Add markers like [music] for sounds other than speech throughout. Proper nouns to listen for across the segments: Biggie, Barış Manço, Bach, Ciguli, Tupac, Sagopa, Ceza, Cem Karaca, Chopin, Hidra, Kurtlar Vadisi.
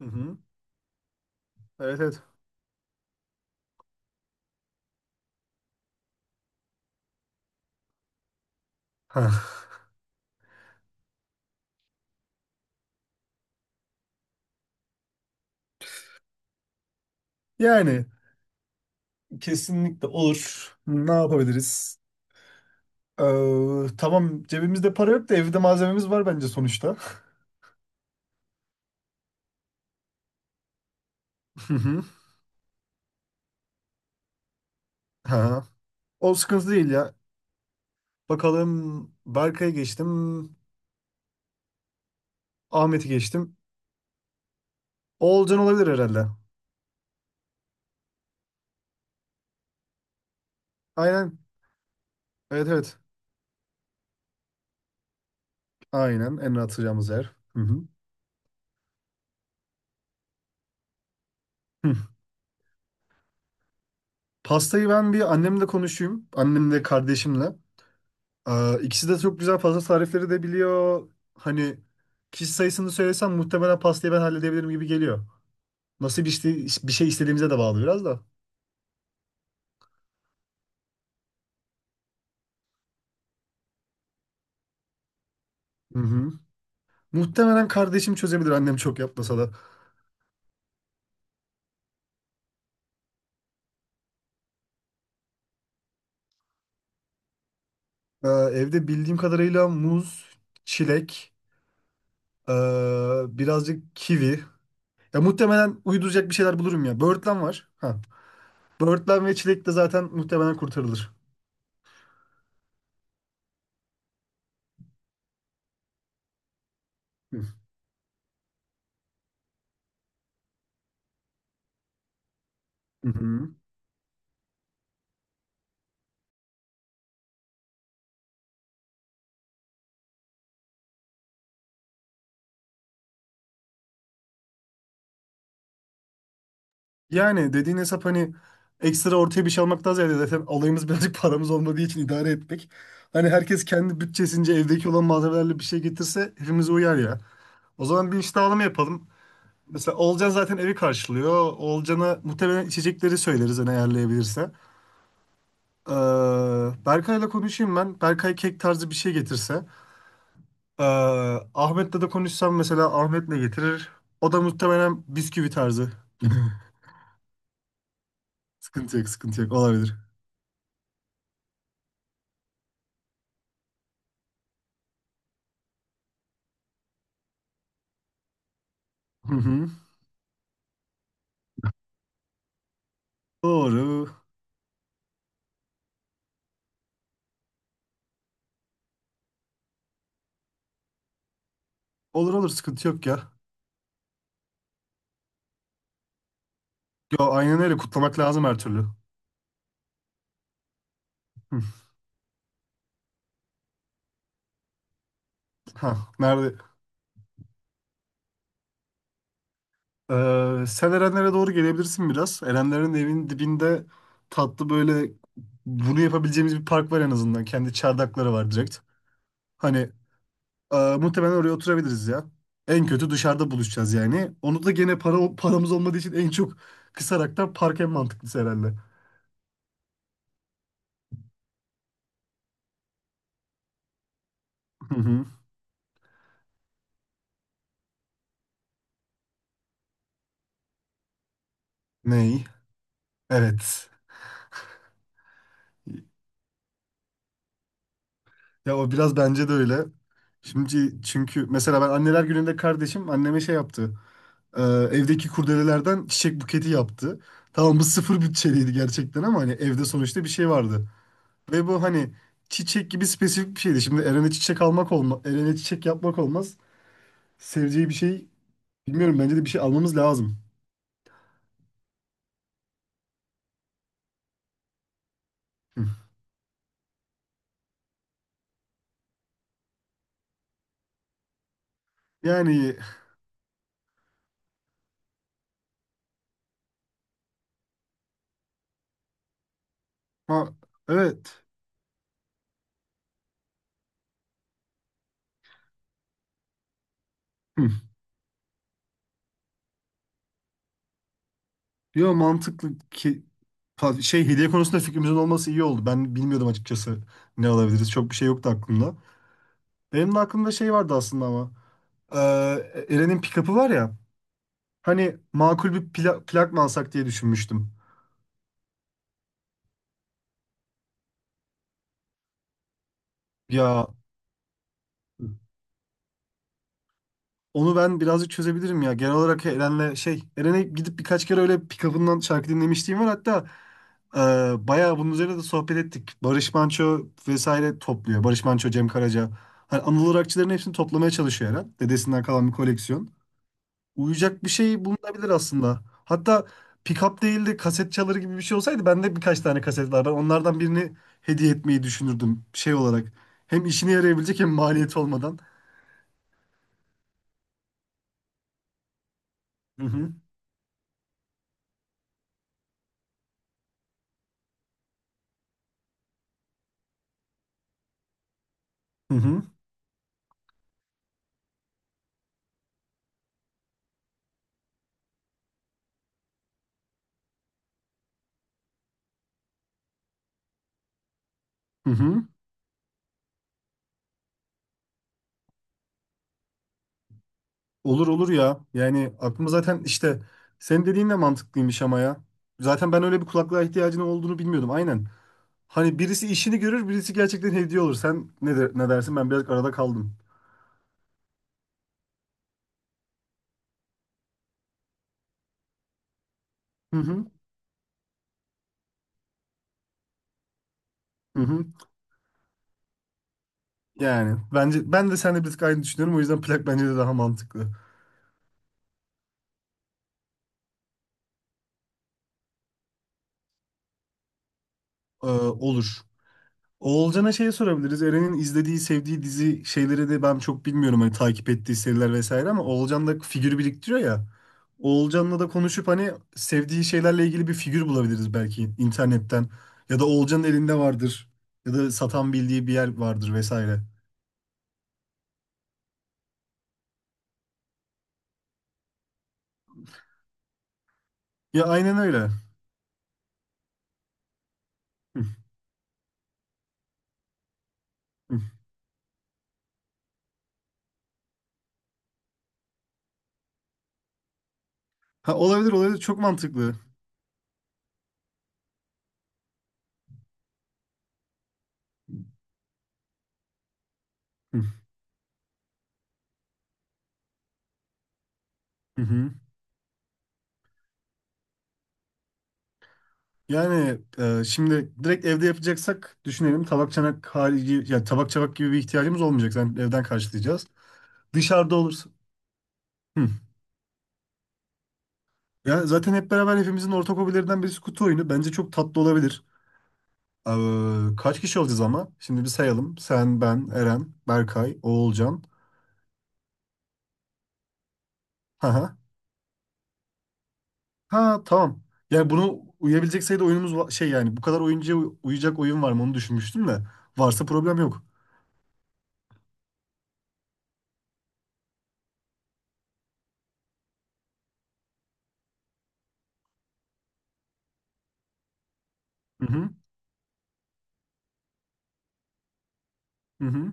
Hı hı. Evet evet. Ha. Yani kesinlikle olur. Ne yapabiliriz? Tamam, cebimizde para yok da evde malzememiz var bence sonuçta. Hı hı. Ha. O sıkıntı değil ya. Bakalım, Berkay'ı geçtim. Ahmet'i geçtim. Oğulcan olabilir herhalde. Aynen. Evet evet. Aynen. En rahat atacağımız yer. Hı hı. Hı. Pastayı ben bir annemle konuşayım. Annemle kardeşimle. İkisi de çok güzel pasta tarifleri de biliyor. Hani kişi sayısını söylesem muhtemelen pastayı ben halledebilirim gibi geliyor. Nasıl bir, işte, bir şey istediğimize de bağlı biraz da. Hı hı. Muhtemelen kardeşim çözebilir, annem çok yapmasa da. Ee, Evde bildiğim kadarıyla muz, çilek, ee, birazcık kivi. Ya muhtemelen uyduracak bir şeyler bulurum ya. Böğürtlen var. Ha. Böğürtlen ve çilek de zaten muhtemelen kurtarılır. Hı hı. Yani dediğin hesap, hani ekstra ortaya bir şey almaktan ziyade zaten alayımız [laughs] birazcık paramız olmadığı için idare etmek. Hani herkes kendi bütçesince evdeki olan malzemelerle bir şey getirse hepimize uyar ya. O zaman bir iş dağılımı yapalım. Mesela Olcan zaten evi karşılıyor. Olcan'a muhtemelen içecekleri söyleriz hani ayarlayabilirse. Ee, Berkay'la konuşayım ben. Berkay kek tarzı bir şey getirse. Ee, Ahmet'le de konuşsam, mesela Ahmet ne getirir? O da muhtemelen bisküvi tarzı. Sıkıntı yok, sıkıntı yok. Olabilir. Hı hı. Doğru. Olur olur, sıkıntı yok ya. Yo, aynen öyle, kutlamak lazım her türlü. Hı. Ha, nerede? Sen Erenlere doğru gelebilirsin biraz. Erenlerin evinin dibinde tatlı böyle bunu yapabileceğimiz bir park var en azından. Kendi çardakları var direkt. Hani muhtemelen oraya oturabiliriz ya. En kötü dışarıda buluşacağız yani. Onu da gene paramız olmadığı için en çok kısaraktan park en mantıklısı herhalde. Hı hı. Ney? Evet. Ya o biraz bence de öyle. Şimdi çünkü mesela ben anneler gününde kardeşim anneme şey yaptı. Evdeki kurdelelerden çiçek buketi yaptı. Tamam, bu sıfır bütçeliydi gerçekten ama hani evde sonuçta bir şey vardı. Ve bu hani çiçek gibi spesifik bir şeydi. Şimdi Eren'e çiçek almak olmaz. Eren'e çiçek yapmak olmaz. Seveceği bir şey bilmiyorum, bence de bir şey almamız lazım. Hı. Yani ma evet. Hı. Yo, mantıklı ki hediye konusunda fikrimizin olması iyi oldu. Ben bilmiyordum açıkçası ne alabiliriz. Çok bir şey yoktu aklımda. Benim de aklımda şey vardı aslında ama. Ee, Eren'in pick-up'ı var ya. Hani makul bir plak mı alsak diye düşünmüştüm. Ya onu ben birazcık çözebilirim ya. Genel olarak Eren'le şey, Eren'e gidip birkaç kere öyle pick-up'ından şarkı dinlemişliğim var. Hatta e, bayağı bunun üzerine de sohbet ettik. Barış Manço vesaire topluyor. Barış Manço, Cem Karaca. Hani Anadolu rockçıların hepsini toplamaya çalışıyor Eren. Dedesinden kalan bir koleksiyon. Uyuyacak bir şey bulunabilir aslında. Hatta pick-up değil de kaset çaları gibi bir şey olsaydı bende birkaç tane kaset var. Ben onlardan birini hediye etmeyi düşünürdüm şey olarak. Hem işine yarayabilecek, hem maliyeti olmadan. Hı hı. Hı hı. Hı hı. Olur olur ya. Yani aklıma zaten işte senin dediğin de mantıklıymış ama ya. Zaten ben öyle bir kulaklığa ihtiyacının olduğunu bilmiyordum. Aynen. Hani birisi işini görür, birisi gerçekten hediye olur. Sen ne dersin? Ben biraz arada kaldım. Hı hı. Hı hı. Yani bence ben de seninle bir tık aynı düşünüyorum. O yüzden plak bence de daha mantıklı. Olur. Oğulcan'a şey sorabiliriz. Eren'in izlediği, sevdiği dizi şeyleri de ben çok bilmiyorum. Hani takip ettiği seriler vesaire ama Oğulcan da figür biriktiriyor ya. Oğulcan'la da konuşup hani sevdiği şeylerle ilgili bir figür bulabiliriz belki internetten. Ya da Oğulcan'ın elinde vardır. Ya da satan bildiği bir yer vardır vesaire. Ya aynen öyle. Hı, hı. Ha, olabilir olabilir. Çok mantıklı. Hı, hı hı. Yani şimdi direkt evde yapacaksak düşünelim, tabak çanak harici yani tabak çabak gibi bir ihtiyacımız olmayacak. Zaten evden karşılayacağız. Dışarıda olursa. Hı. Ya zaten hep beraber hepimizin ortak hobilerinden birisi kutu oyunu. Bence çok tatlı olabilir. Kaç kişi olacağız ama? Şimdi bir sayalım. Sen, ben, Eren, Berkay, Oğulcan. Ha ha. Ha, tamam. Yani bunu uyabilecek sayıda oyunumuz yani bu kadar oyuncuya uyacak oyun var mı onu düşünmüştüm de, varsa problem yok. Hı hı. Hı hı.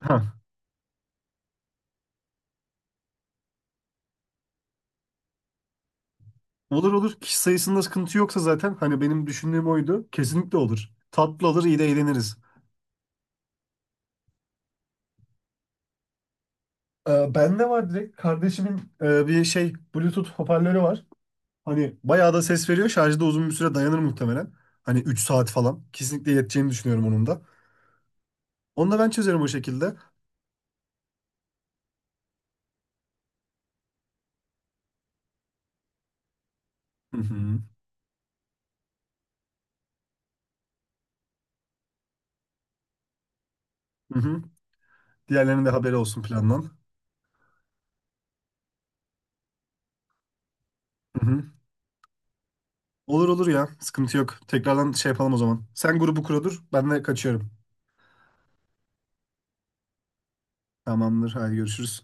Ha. Olur olur. Kişi sayısında sıkıntı yoksa zaten hani benim düşündüğüm oydu. Kesinlikle olur. Tatlı olur, iyi de eğleniriz. Bende var direkt. Kardeşimin bir şey Bluetooth hoparlörü var. Hani bayağı da ses veriyor. Şarjda uzun bir süre dayanır muhtemelen. Hani 3 saat falan. Kesinlikle yeteceğini düşünüyorum onun da. Onu da ben çözerim o şekilde. Hı hı. Hı hı. Diğerlerinin de haberi olsun plandan. Hı hı. Olur olur ya. Sıkıntı yok. Tekrardan şey yapalım o zaman. Sen grubu kuradır. Ben de kaçıyorum. Tamamdır. Hadi görüşürüz.